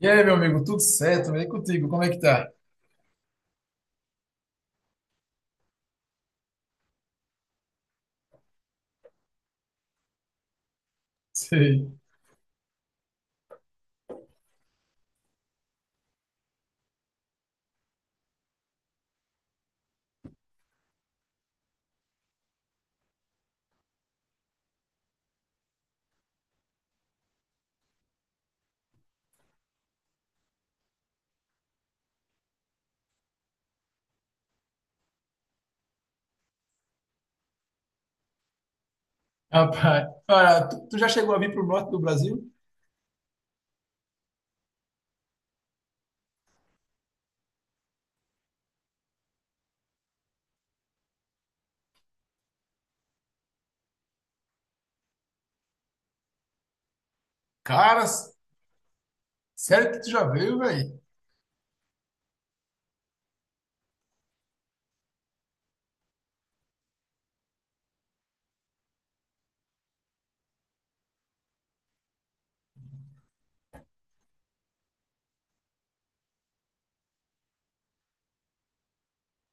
E aí, meu amigo, tudo certo? E contigo, como é que tá? Sei. Rapaz, cara, tu já chegou a vir pro norte do Brasil? Cara, sério que tu já veio, velho?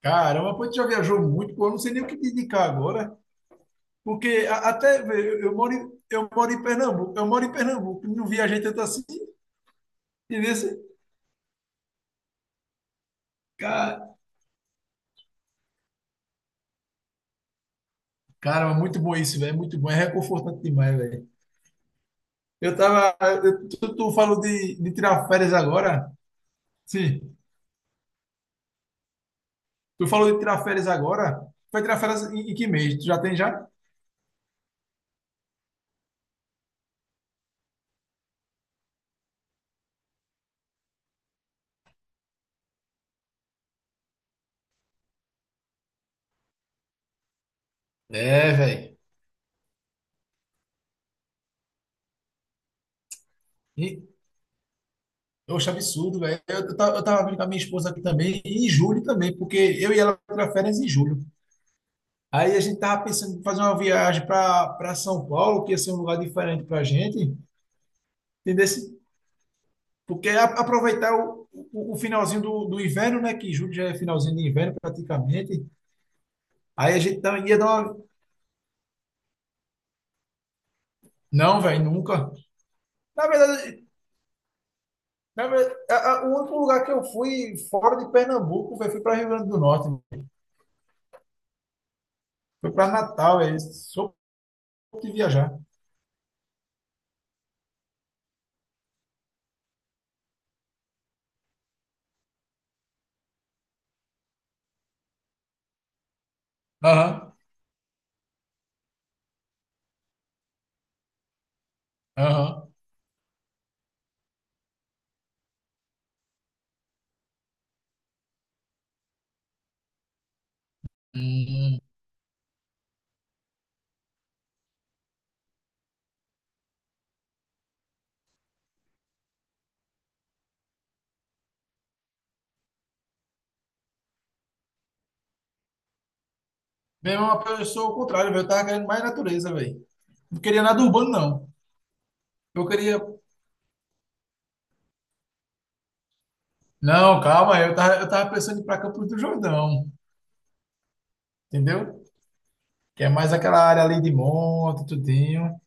Caramba, pô, tu já viajou muito, pô, eu não sei nem o que te indicar agora, porque até, velho, eu moro em Pernambuco, eu moro em Pernambuco, não viajei tanto assim, e nesse, cara, caramba, muito bom isso, velho, muito bom, é reconfortante demais, velho. Eu tava, tu falou de tirar férias agora? Sim. Tu falou de tirar férias agora? Vai tirar férias em, em que mês? Tu já tem já? É, velho. E, oxe, absurdo, velho. Eu tava vendo com a minha esposa aqui também, e em julho também, porque eu e ela tirar férias em julho. Aí a gente tava pensando em fazer uma viagem para São Paulo, que ia ser um lugar diferente pra gente, entendeu? Porque aproveitar o finalzinho do inverno, né? Que julho já é finalzinho de inverno praticamente. Aí a gente ia dar uma. Não, velho, nunca. Na verdade. Na verdade, o único lugar que eu fui fora de Pernambuco, velho, fui para Rio Grande do Norte, fui para Natal, é isso. Sou pouco de viajar. Aham, aham. Hum. Meu irmão, eu sou o contrário, velho, eu tava querendo mais natureza, velho. Não queria nada urbano, não. Eu queria. Não, calma, eu tava pensando em ir pra Campos do Jordão. Entendeu? Que é mais aquela área ali de monte, tudinho.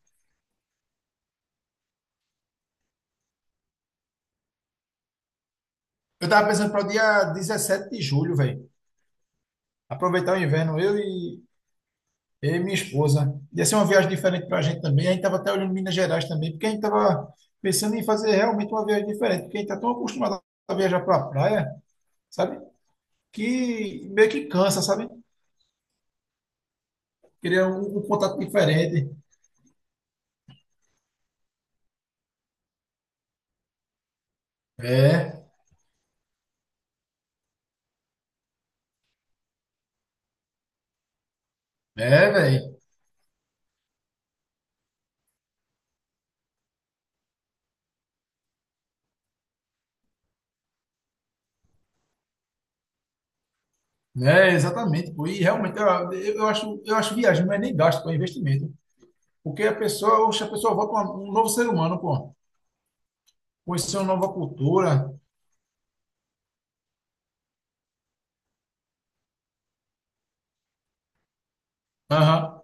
Eu tava pensando para o dia 17 de julho, velho. Aproveitar o inverno, eu e, eu e minha esposa. Ia ser uma viagem diferente para a gente também. A gente estava até olhando Minas Gerais também, porque a gente estava pensando em fazer realmente uma viagem diferente, porque a gente está tão acostumado a viajar para a praia, sabe? Que meio que cansa, sabe? Queria um contato diferente. É, é, velho. É, exatamente, pô. E realmente, eu, eu acho viagem não é nem gasto, pô, é investimento. Porque a pessoa, oxe, a pessoa volta um novo ser humano, pô. Conhecer uma nova cultura. Aham.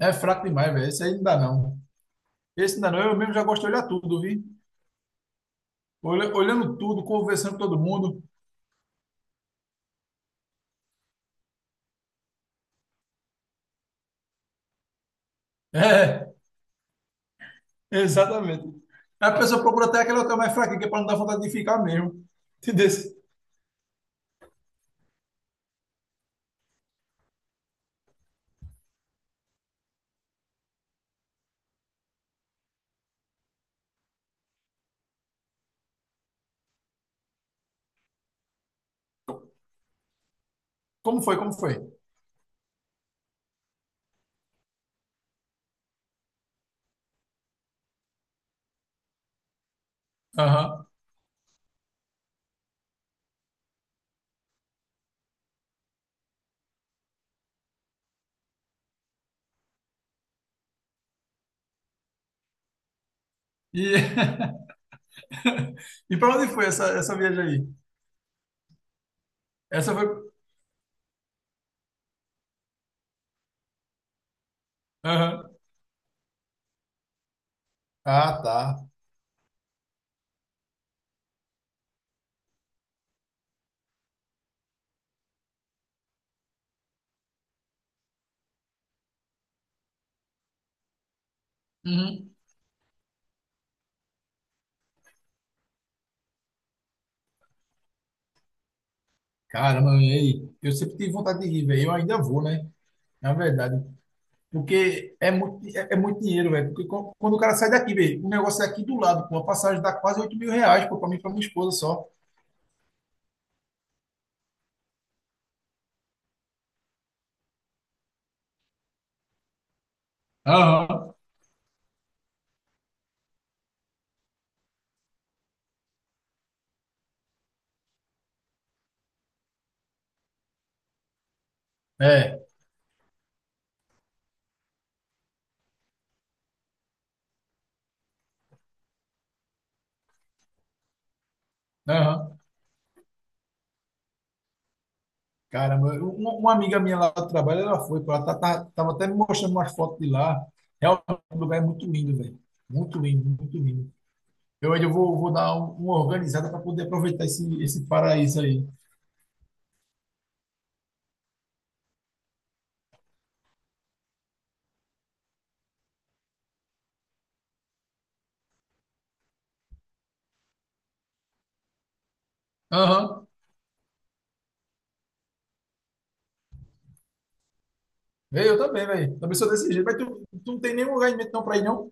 É fraco demais, velho. Isso aí não dá, não. Esse ainda não, eu mesmo já gosto de olhar tudo, vi? Olhando tudo, conversando com todo mundo. É, exatamente. A pessoa procura até aquele hotel mais fraquinho, que é para não dar vontade de ficar mesmo. Entendeu? Como foi? Como foi? Aham. E, e para onde foi essa, essa viagem aí? Essa foi. Aham. Ah, tá. Uhum. Caramba, e aí? Eu sempre tive vontade de ir, velho. Eu ainda vou, né? Na verdade. Porque é muito, é, é muito dinheiro, velho. Porque quando o cara sai daqui, velho, o negócio é aqui do lado, pô. A passagem dá quase R$ 8.000, pô, pra mim e pra minha esposa só. Aham. É, aham. Caramba, uma amiga minha lá do trabalho, ela foi, pô, ela tava até me mostrando umas fotos de lá. Realmente, o lugar é muito lindo, velho. Muito lindo, muito lindo. Eu ainda vou dar uma organizada para poder aproveitar esse paraíso aí. Aham. Véi, eu também, velho. Também sou desse jeito. Mas tu não tem nenhum lugar em mente não pra ir, não?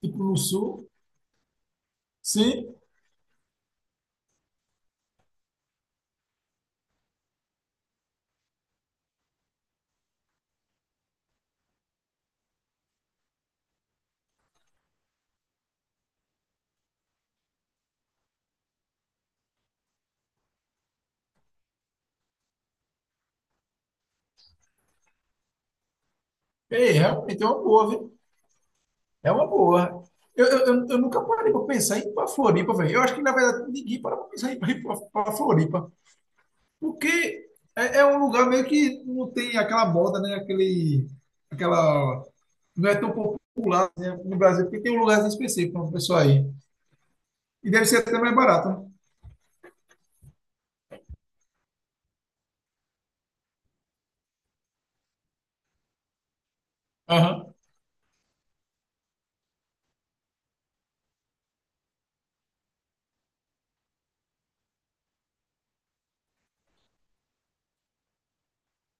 Tipo no sul? Sim? É, realmente é uma boa, viu? É uma boa. Eu nunca parei para pensar em ir para Floripa, velho. Eu acho que, na verdade, ninguém para pensar em ir para Floripa. Porque é, é um lugar meio que não tem aquela moda, né? Aquele, aquela... Não é tão popular, né, no Brasil, porque tem um lugar específico para o pessoal aí. E deve ser até mais barato, né? Aham.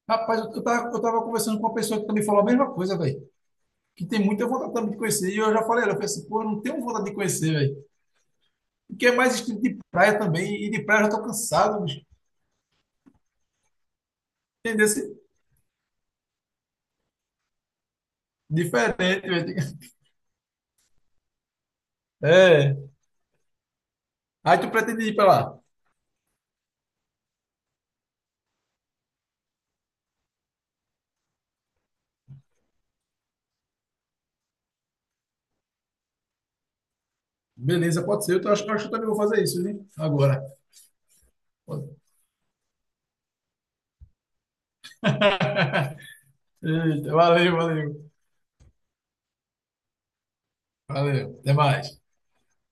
Rapaz, eu tava conversando com uma pessoa que também falou a mesma coisa, velho. Que tem muita vontade também de conhecer. E eu já falei, ela eu falei assim, pô, eu não tenho vontade de conhecer, velho. Porque é mais estilo de praia também. E de praia eu já tô cansado, bicho. Entendeu? Esse- diferente, velho. É. Aí tu pretende ir pra lá. Beleza, pode ser. Eu acho, acho que eu também vou fazer isso, né? Agora. Eita, valeu, valeu. Valeu. Até mais.